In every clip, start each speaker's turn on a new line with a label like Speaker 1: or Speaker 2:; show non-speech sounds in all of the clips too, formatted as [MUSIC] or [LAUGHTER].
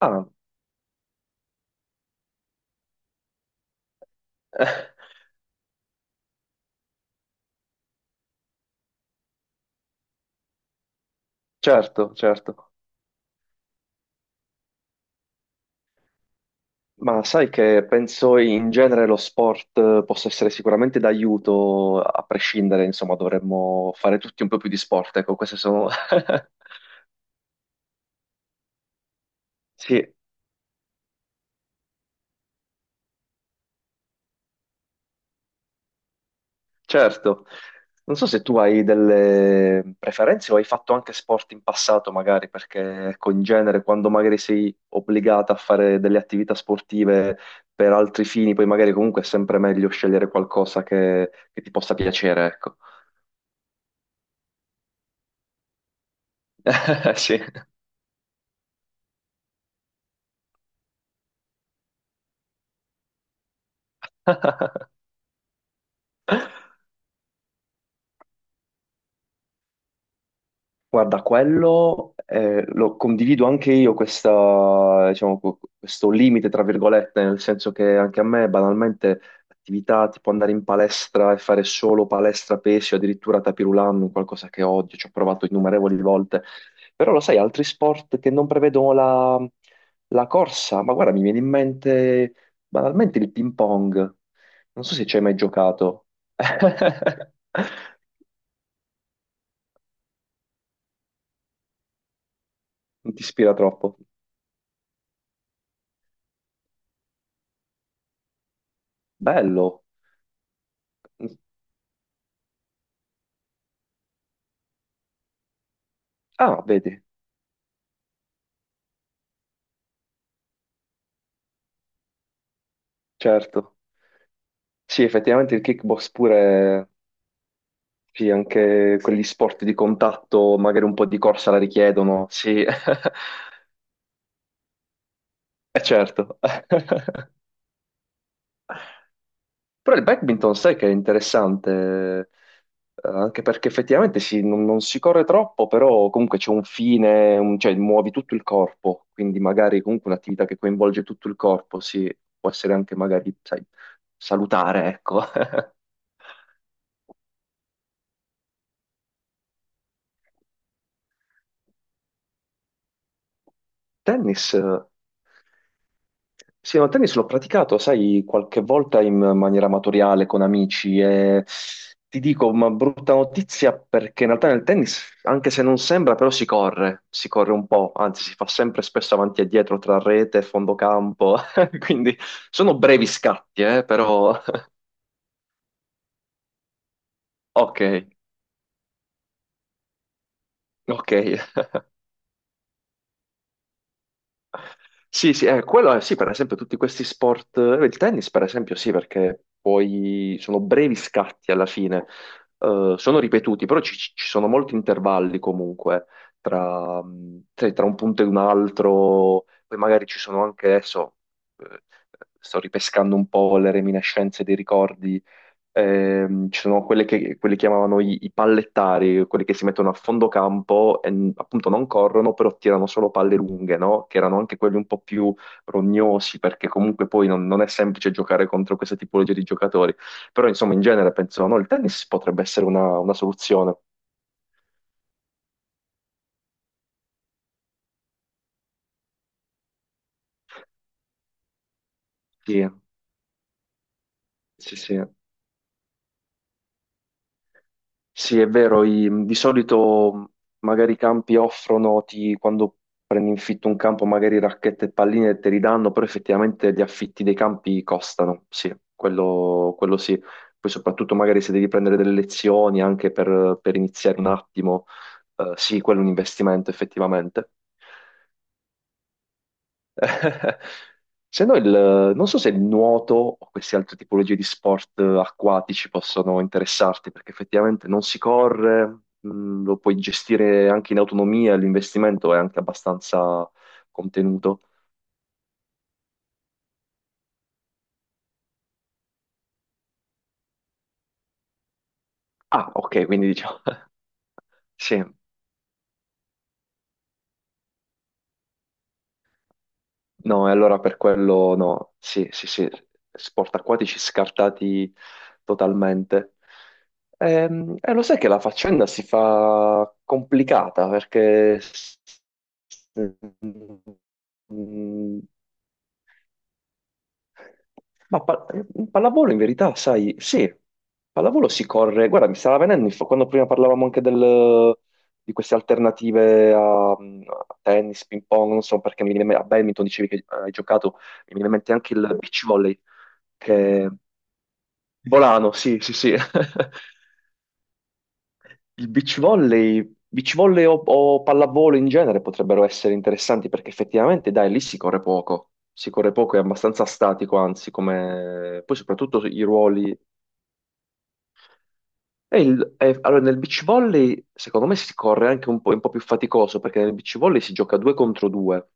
Speaker 1: Ah, eh, certo, certo. Ma sai che penso in genere lo sport possa essere sicuramente d'aiuto, a prescindere, insomma, dovremmo fare tutti un po' più di sport, ecco, queste sono. [LAUGHS] Sì, certo. Non so se tu hai delle preferenze o hai fatto anche sport in passato, magari, perché, ecco, in genere, quando magari sei obbligata a fare delle attività sportive per altri fini, poi magari comunque è sempre meglio scegliere qualcosa che ti possa piacere, ecco. [LAUGHS] Sì. Guarda, quello lo condivido anche io, questa, diciamo, questo limite, tra virgolette, nel senso che anche a me banalmente attività tipo andare in palestra e fare solo palestra pesce, addirittura tapirulan, qualcosa che odio, ci ho provato innumerevoli volte. Però lo sai, altri sport che non prevedono la corsa, ma guarda, mi viene in mente banalmente il ping pong. Non so se ci hai mai giocato. [LAUGHS] Non ti ispira troppo. Bello. Ah, vedi, certo. Sì, effettivamente il kickbox pure, sì, anche quegli sport di contatto, magari un po' di corsa la richiedono, sì, [LAUGHS] è certo. [LAUGHS] Però il badminton sai che è interessante, anche perché effettivamente sì, non si corre troppo, però comunque c'è un fine, cioè muovi tutto il corpo, quindi magari comunque un'attività che coinvolge tutto il corpo, sì, può essere anche magari, sai, salutare, ecco. [LAUGHS] Tennis, sì, no, tennis l'ho praticato, sai, qualche volta in maniera amatoriale con amici e ti dico una brutta notizia perché in realtà nel tennis, anche se non sembra, però si corre un po', anzi si fa sempre spesso avanti e dietro tra rete e fondo campo, [LAUGHS] quindi sono brevi scatti, però [LAUGHS] ok, ok. Sì, sì, quello è, sì, per esempio tutti questi sport, il tennis per esempio sì, perché poi sono brevi scatti alla fine, sono ripetuti, però ci sono molti intervalli comunque tra un punto e un altro, poi magari ci sono anche adesso, eh, sto ripescando un po' le reminiscenze dei ricordi. Ci sono quelle che quelli chiamavano i pallettari, quelli che si mettono a fondo campo e appunto non corrono, però tirano solo palle lunghe, no? Che erano anche quelli un po' più rognosi, perché comunque poi non è semplice giocare contro questa tipologia di giocatori. Però insomma, in genere penso, no, il tennis potrebbe essere una soluzione. Sì, sì, sì. Sì, è vero, di solito magari i campi offrono, quando prendi in fitto un campo, magari racchette e palline te li danno, però effettivamente gli affitti dei campi costano, sì, quello sì. Poi soprattutto magari se devi prendere delle lezioni anche per iniziare un attimo, sì, quello è un investimento effettivamente. [LAUGHS] Se no, non so se il nuoto o queste altre tipologie di sport acquatici possono interessarti, perché effettivamente non si corre, lo puoi gestire anche in autonomia, l'investimento è anche abbastanza contenuto. Ah, ok, quindi diciamo, [LAUGHS] sì. No, e allora per quello no, sì, sì, sì, sport acquatici scartati totalmente. Lo sai che la faccenda si fa complicata perché s- ma pallavolo in verità, sai, sì, pallavolo si corre. Guarda, mi stava venendo, quando prima parlavamo anche di queste alternative a tennis, ping pong, non so perché mi viene a badminton dicevi che hai giocato, mi viene in mente anche il beach volley. Che... Volano, sì, sì, sì. [LAUGHS] Il beach volley, o pallavolo in genere potrebbero essere interessanti perché effettivamente, dai, lì si corre poco. Si corre poco, è abbastanza statico, anzi, come. Poi soprattutto i ruoli. E allora, nel beach volley, secondo me, si corre anche un po', è un po' più faticoso perché nel beach volley si gioca due contro due.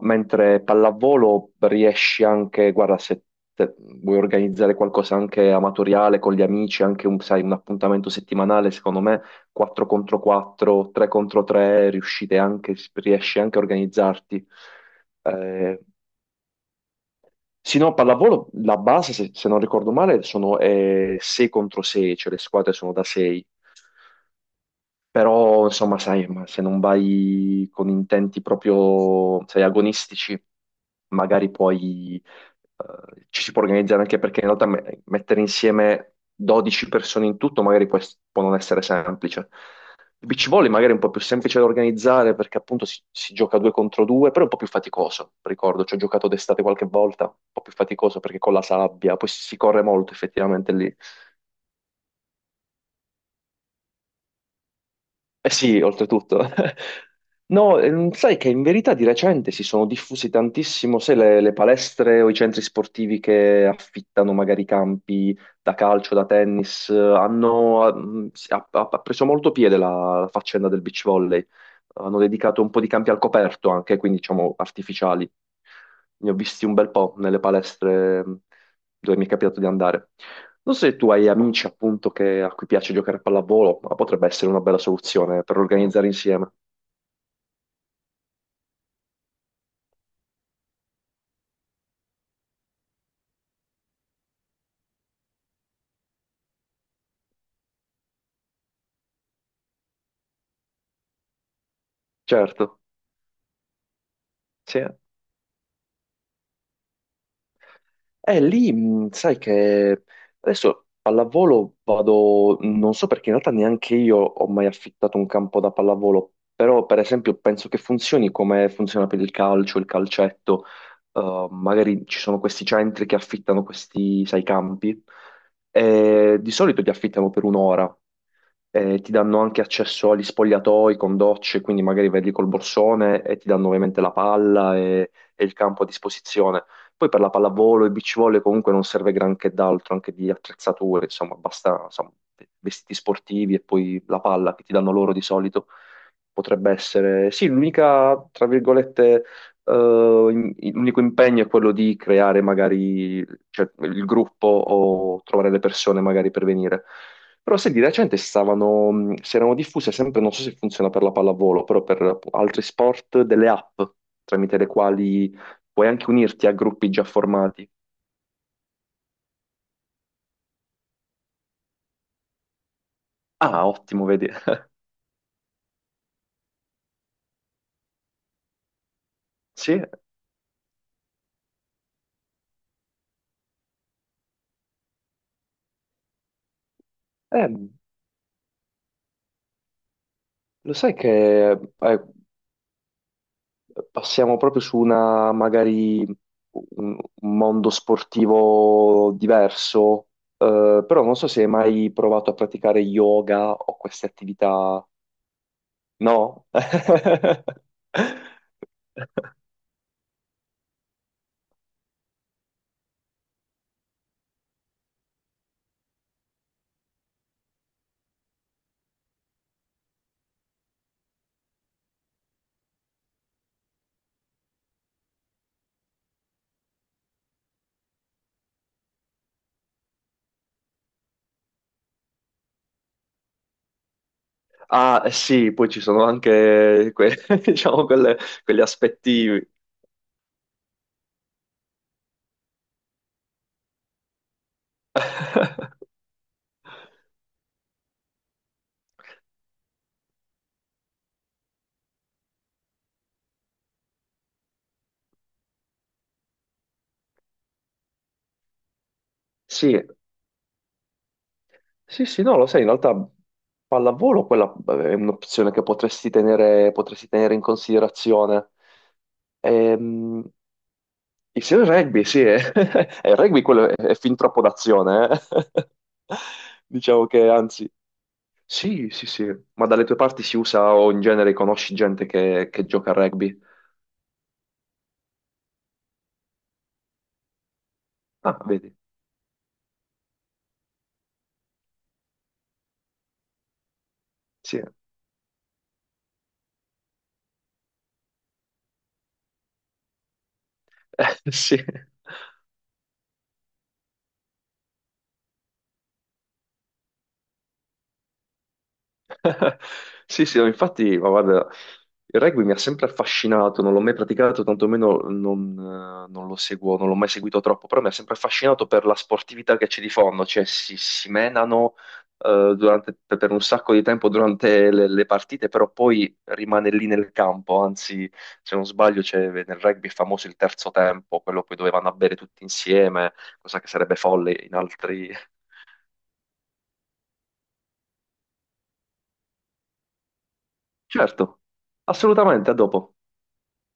Speaker 1: Mentre pallavolo riesci anche, guarda, se vuoi organizzare qualcosa anche amatoriale con gli amici, anche un, sai, un appuntamento settimanale, secondo me 4 contro 4, 3 contro 3, riesci anche a organizzarti. Eh, sì, no, pallavolo, la base, se non ricordo male, sono 6 contro 6, cioè le squadre sono da 6. Però, insomma, sai, ma se non vai con intenti proprio, sai, agonistici, magari poi ci si può organizzare anche perché in realtà mettere insieme 12 persone in tutto magari può non essere semplice. Il beach volley magari è un po' più semplice da organizzare perché appunto si gioca due contro due, però è un po' più faticoso, ricordo, ci ho giocato d'estate qualche volta, un po' più faticoso perché con la sabbia, poi si corre molto effettivamente lì. Eh sì, oltretutto. [LAUGHS] No, sai che in verità di recente si sono diffusi tantissimo, sai, le palestre o i centri sportivi che affittano magari campi da calcio, da tennis, hanno, mm, si- ha, ha- ha preso molto piede la faccenda del beach volley, hanno dedicato un po' di campi al coperto anche, quindi diciamo artificiali. Ne ho visti un bel po' nelle palestre dove mi è capitato di andare. Non so se tu hai amici appunto a cui piace giocare a pallavolo, ma potrebbe essere una bella soluzione per organizzare insieme. Certo, sì. Lì, sai che adesso pallavolo vado, non so perché in realtà neanche io ho mai affittato un campo da pallavolo, però per esempio penso che funzioni come funziona per il calcio, il calcetto. Magari ci sono questi centri che affittano questi, sai, campi, e di solito li affittano per un'ora, e ti danno anche accesso agli spogliatoi con docce, quindi magari vedi col borsone e ti danno ovviamente la palla e il campo a disposizione. Poi per la pallavolo e beach volley comunque non serve granché d'altro, anche di attrezzature, insomma, basta insomma, vestiti sportivi e poi la palla che ti danno loro di solito. Potrebbe essere, sì, l'unica, tra virgolette, eh, l'unico impegno è quello di creare magari, cioè, il gruppo o trovare le persone magari per venire. Però se di recente stavano, si erano diffuse sempre, non so se funziona per la pallavolo, però per altri sport, delle app tramite le quali puoi anche unirti a gruppi già formati. Ah, ottimo, vedi. Sì, eh, lo sai che eh, passiamo proprio su una, magari, un mondo sportivo diverso, però non so se hai mai provato a praticare yoga o queste attività. No? [LAUGHS] Ah, sì, poi ci sono anche [LAUGHS] diciamo, quegli aspetti. [LAUGHS] Sì. Sì, sì, no, lo sai, in realtà pallavolo quella è un'opzione che potresti tenere in considerazione. Ehm, Insieme al rugby, sì, è, [LAUGHS] il rugby quello è fin troppo d'azione, eh. [LAUGHS] Diciamo che anzi, sì, sì, sì, ma dalle tue parti si usa o in genere conosci gente che gioca a rugby? Ah, vedi, sì, [LAUGHS] sì. [LAUGHS] Sì, sì, no, infatti, ma guarda, il rugby mi ha sempre affascinato, non l'ho mai praticato, tantomeno non lo seguo, non l'ho mai seguito troppo, però mi ha sempre affascinato per la sportività che c'è di fondo, cioè si menano per un sacco di tempo durante le partite, però poi rimane lì nel campo, anzi, se non sbaglio, nel rugby è famoso il terzo tempo, quello poi dove vanno a bere tutti insieme, cosa che sarebbe folle in altri. [LAUGHS] Certo, assolutamente, a dopo.